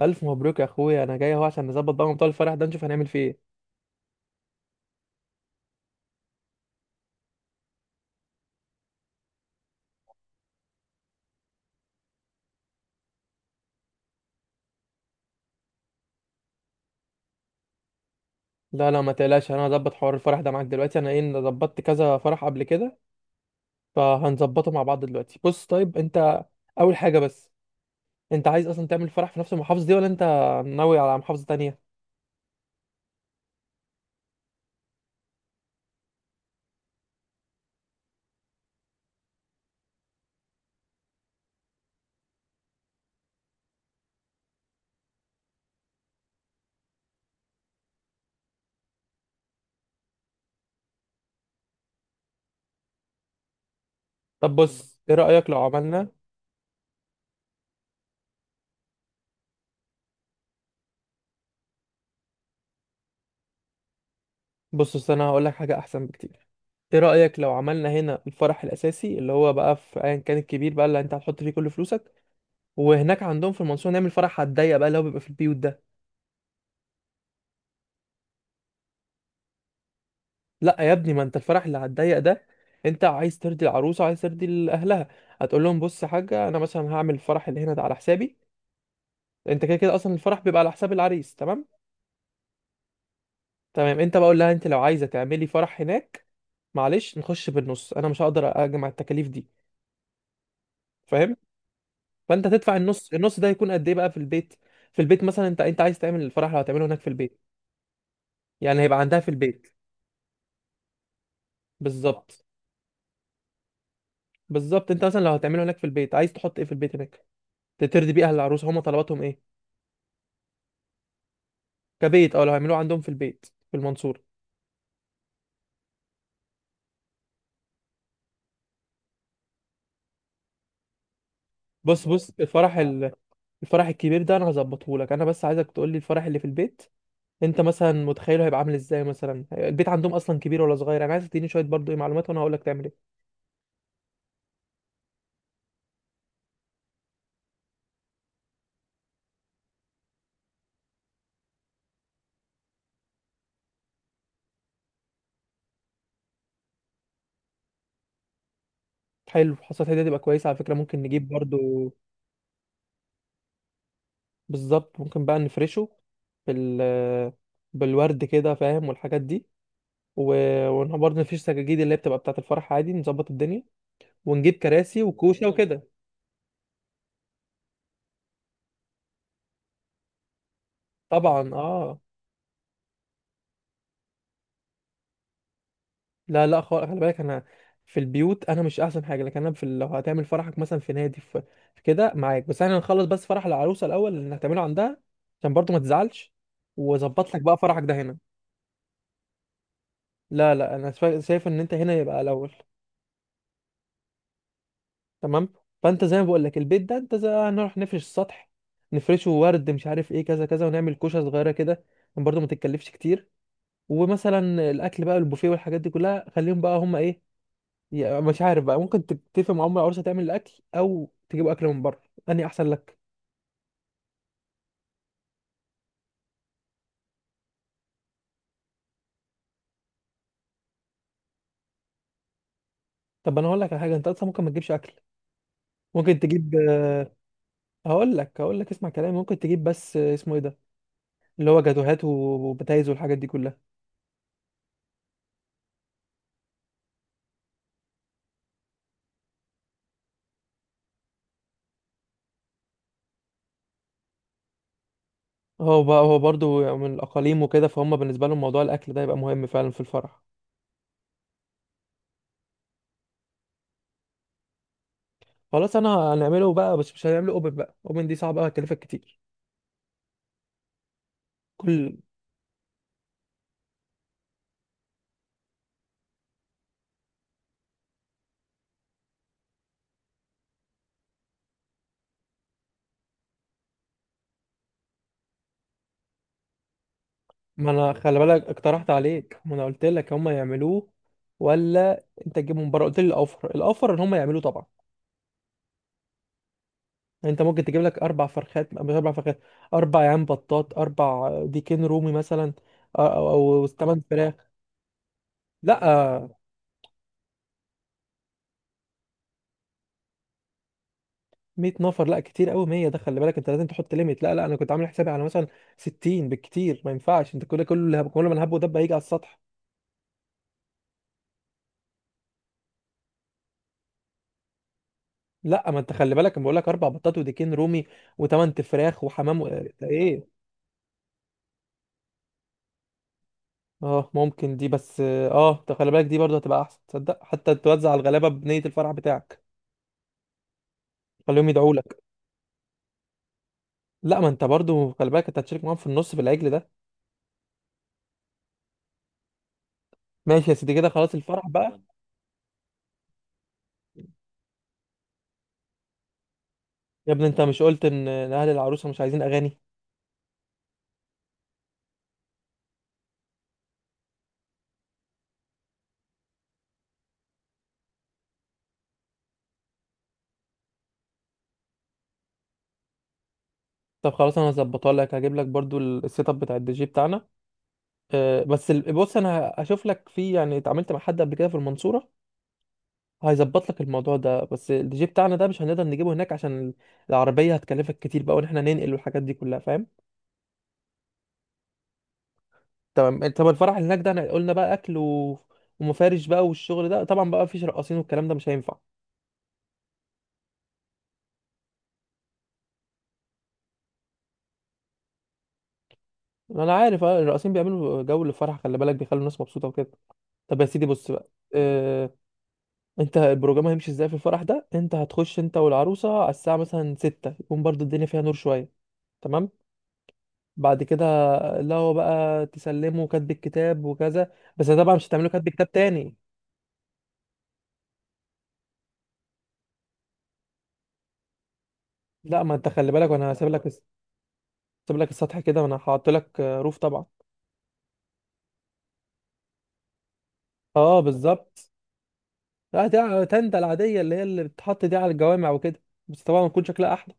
الف مبروك يا اخويا، انا جاي اهو عشان نظبط بقى موضوع الفرح ده، نشوف هنعمل فيه ايه. لا ما تقلقش، انا هظبط حوار الفرح ده معاك دلوقتي. انا ايه، أنا ظبطت كذا فرح قبل كده، فهنظبطه مع بعض دلوقتي. بص طيب انت، اول حاجه بس، انت عايز اصلا تعمل فرح في نفس المحافظه دي ولا انت ناوي على محافظه تانية؟ طب بص ايه رايك لو عملنا، بص انا هقول لك حاجه احسن بكتير. ايه رايك لو عملنا هنا الفرح الاساسي، اللي هو بقى في ايا كان، الكبير بقى اللي انت هتحط فيه كل فلوسك، وهناك عندهم في المنصوره نعمل فرح هتضيق، بقى اللي هو بيبقى في البيوت ده. لا يا ابني، ما انت الفرح اللي هتضيق ده، انت عايز ترضي العروسه وعايز ترضي اهلها. هتقول لهم بص يا حاجه، انا مثلا هعمل الفرح اللي هنا ده على حسابي. انت كده كده اصلا الفرح بيبقى على حساب العريس، تمام. تمام انت بقول لها، انت لو عايزه تعملي فرح هناك، معلش نخش بالنص، انا مش هقدر اجمع التكاليف دي، فاهم. فانت تدفع النص، النص ده هيكون قد ايه بقى في البيت. في البيت مثلا، انت عايز تعمل الفرح لو هتعمله هناك في البيت، يعني هيبقى عندها في البيت. بالظبط. بالظبط انت مثلا لو هتعمله هناك في البيت، عايز تحط ايه في البيت هناك ترضي بيه اهل العروسه، هما طلباتهم ايه. كبيت اه، لو هيعملوه عندهم في البيت في المنصورة. بص الفرح ال... الفرح الكبير ده انا هظبطه لك، انا بس عايزك تقول لي الفرح اللي في البيت انت مثلا متخيله هيبقى عامل ازاي، مثلا البيت عندهم اصلا كبير ولا صغير، انا عايز تديني شويه برضو ايه معلومات وانا هقول لك تعمل ايه. حلو، حصلت هديه تبقى كويسه على فكره، ممكن نجيب برضو. بالظبط، ممكن بقى نفرشه بال... بالورد كده، فاهم، والحاجات دي و... وبرضه نفيش سجاجيد اللي هي بتبقى بتاعه الفرح، عادي نظبط الدنيا، ونجيب كراسي وكوشه وكده. طبعا اه. لا خالص، خلي بالك انا في البيوت انا مش احسن حاجه، لكن انا في لو هتعمل فرحك مثلا في نادي، في, في كده معاك، بس احنا نخلص بس فرح العروسه الاول اللي هتعمله عندها عشان برضو ما تزعلش، واظبط لك بقى فرحك ده هنا. لا انا شايف ان انت هنا يبقى الاول. تمام. فانت زي ما بقول لك البيت ده، انت زي هنروح نفرش السطح، نفرشه ورد، مش عارف ايه كذا كذا، ونعمل كوشه صغيره كده، برضو ما تتكلفش كتير. ومثلا الاكل بقى، البوفيه والحاجات دي كلها خليهم بقى هم ايه، يعني مش عارف بقى، ممكن تتفق مع ام العروسه تعمل الاكل او تجيب اكل من بره، انهي احسن لك. طب انا هقول لك على حاجه، انت اصلا ممكن ما تجيبش اكل، ممكن تجيب هقول لك اسمع كلامي، ممكن تجيب بس اسمه ايه ده، اللي هو جاتوهات وبتايز والحاجات دي كلها. هو بقى هو برضو من الاقاليم وكده فهم، بالنسبه لهم موضوع الاكل ده يبقى مهم فعلا في الفرح. خلاص انا هنعمله بقى، بس مش هنعمله اوبن بقى، اوبن دي صعبه هتكلفك كتير. كل ما انا خلي بالك اقترحت عليك، ما انا قلت لك هم يعملوه ولا انت تجيبه من بره، قلت لي الاوفر. الاوفر ان هم يعملوه طبعا. يعني انت ممكن تجيب لك اربع فرخات، مش اربع فرخات، اربع عيان بطاط، اربع ديكين رومي مثلا، او او أو ثمان فراخ. لا، 100 نفر لا كتير قوي، 100 ده خلي بالك انت لازم تحط ليميت. لا انا كنت عامل حسابي على مثلا 60 بالكتير. ما ينفعش انت كل ما الهب ودب هيجي على السطح. لا ما انت خلي بالك، انا بقول لك اربع بطاط وديكين رومي وثمان فراخ وحمام و... ايه؟ اه ممكن دي، بس اه ده خلي بالك، دي برضه هتبقى احسن تصدق حتى، توزع الغلابه بنيه الفرح بتاعك، خليهم يدعوا لك. لا ما انت برضه خلي بالك انت هتشارك معاهم في النص في العجل ده. ماشي يا سيدي، كده خلاص الفرح بقى. يا ابني انت مش قلت ان إن اهل العروسه مش عايزين اغاني؟ طب خلاص انا هظبطها لك، هجيب لك برضه السيت اب بتاع الدي جي بتاعنا. آه بس بص، انا هشوف لك في، يعني اتعاملت مع حد قبل كده في المنصوره هيظبط لك الموضوع ده، بس الدي جي بتاعنا ده مش هنقدر نجيبه هناك عشان العربيه هتكلفك كتير بقى، وان احنا ننقل والحاجات دي كلها، فاهم. تمام. طب الفرح اللي هناك ده احنا قلنا بقى اكل و... ومفارش بقى، والشغل ده طبعا بقى مفيش رقاصين والكلام ده مش هينفع. انا عارف، الرقاصين بيعملوا جو للفرح، خلي بالك بيخلوا الناس مبسوطه وكده. طب يا سيدي بص بقى. اه... انت البروجرام هيمشي ازاي في الفرح ده؟ انت هتخش انت والعروسه على الساعه مثلا 6، يكون برضو الدنيا فيها نور شويه، تمام. بعد كده، لا هو بقى تسلمه كاتب الكتاب وكذا، بس طبعا مش هتعمله كاتب كتاب تاني. لا ما انت خلي بالك، وانا هسيب لك السطح كده، وانا هحط لك روف طبعا. اه بالظبط. لا ده تندة العادية اللي هي اللي بتتحط دي على الجوامع وكده، بس طبعا بتكون شكلها أحلى.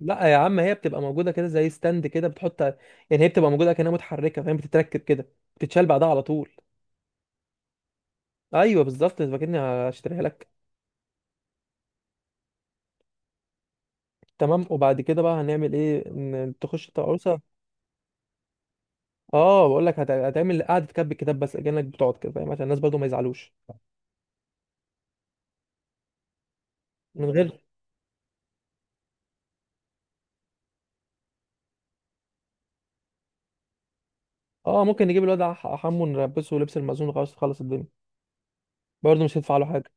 لا يا عم، هي بتبقى موجودة كده زي ستاند كده بتحط يعني، هي بتبقى موجودة كأنها متحركة، فاهم، بتتركب كده بتتشال بعدها على طول. أيوه بالظبط، أنت فاكرني هشتريها لك. تمام، وبعد كده بقى هنعمل إيه إن تخش العروسة. أه بقول لك، هتعمل قعدة كتب الكتاب، بس كأنك بتقعد كده فاهم عشان الناس برضو ما يزعلوش من غير. أه ممكن نجيب الواد حمو نلبسه لبس المأذون، خلاص تخلص الدنيا، برضه مش هيدفع له حاجة.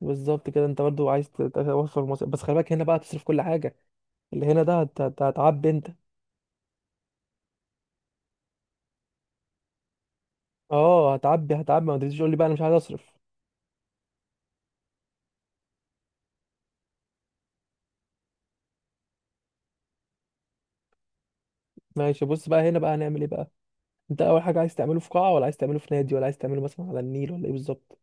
بالظبط كده، انت برضو عايز توفر مصاريف، بس خلي بالك هنا بقى تصرف كل حاجه. اللي هنا ده هتعبي انت. اه هتعبي هتعبي، ما تجيش تقول لي بقى انا مش عايز اصرف. ماشي، بص بقى هنا بقى هنعمل ايه بقى. انت اول حاجه، عايز تعمله في قاعه ولا عايز تعمله في نادي ولا عايز تعمله مثلا على النيل ولا ايه بالظبط؟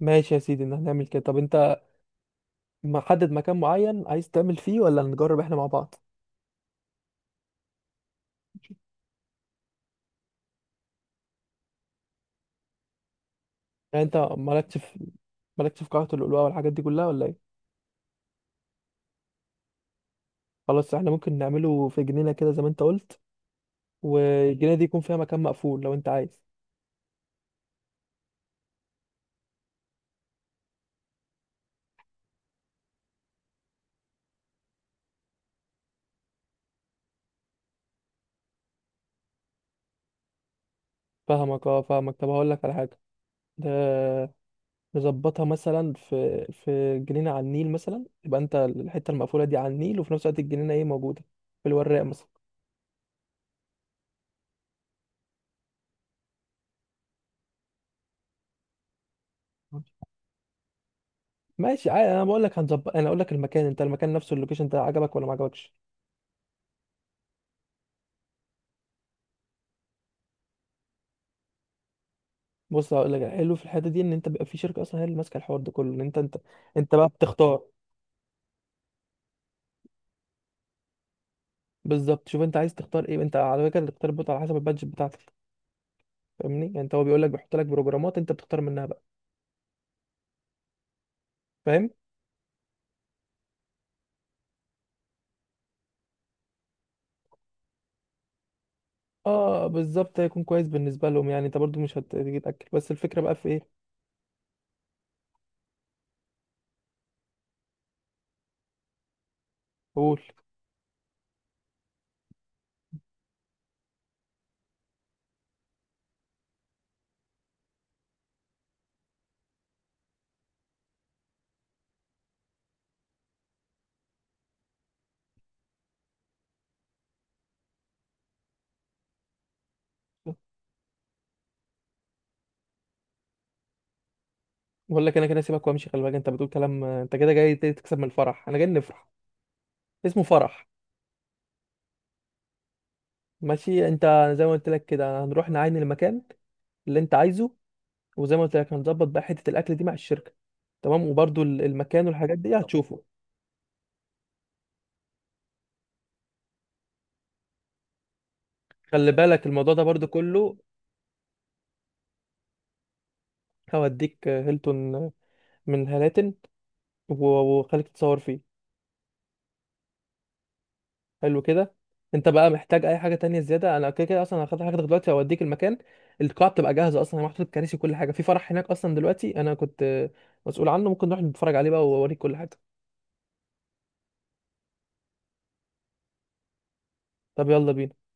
ماشي يا سيدي، ان هنعمل كده. طب انت محدد مكان معين عايز تعمل فيه ولا نجرب احنا مع بعض؟ يعني انت مالكش في قاعه اللؤلؤه والحاجات دي كلها ولا ايه؟ خلاص احنا ممكن نعمله في جنينه كده زي ما انت قلت، والجنينه دي يكون فيها مكان مقفول لو انت عايز. فاهمك اه فاهمك. طب هقول لك على حاجه ده، نظبطها مثلا في جنينه على النيل مثلا، يبقى انت الحته المقفوله دي على النيل وفي نفس الوقت الجنينه ايه موجوده في الوراق مثلا. ماشي عادي، انا بقول لك هنظبط، انا اقول لك المكان، انت المكان نفسه اللوكيشن ده عجبك ولا ما عجبكش؟ بص هقول لك، الحلو في الحته دي ان انت بيبقى في شركه اصلا هي اللي ماسكه الحوار ده كله، ان انت انت بقى بتختار. بالظبط، شوف انت عايز تختار ايه، انت على فكره اللي تختار البوت على حسب البادجت بتاعتك، فاهمني، يعني انت هو بيقول لك، بيحط لك بروجرامات انت بتختار منها بقى، فاهم. اه بالظبط، هيكون كويس بالنسبه لهم، يعني انت برضو مش هتيجي تاكل، بس الفكره بقى في ايه. قول. بقول لك انا كده سيبك وامشي، خلي بالك انت بتقول كلام، انت كده جاي تكسب من الفرح، انا جاي نفرح. اسمه فرح. ماشي. انت زي ما قلت لك كده، هنروح نعاين المكان اللي انت عايزه، وزي ما قلت لك هنظبط بقى حته الاكل دي مع الشركه، تمام. وبرضو المكان والحاجات دي هتشوفه. خلي بالك الموضوع ده برضو كله. هوديك هيلتون من هلاتن وخليك تتصور فيه. حلو كده. انت بقى محتاج اي حاجه تانية زياده؟ انا كده كده اصلا هاخد حاجتك دلوقتي واوديك المكان. القاعه بتبقى جاهزه اصلا، محطوط الكراسي وكل حاجه في فرح هناك اصلا دلوقتي، انا كنت مسؤول عنه، ممكن نروح نتفرج عليه بقى واوريك كل حاجه. طب يلا بينا.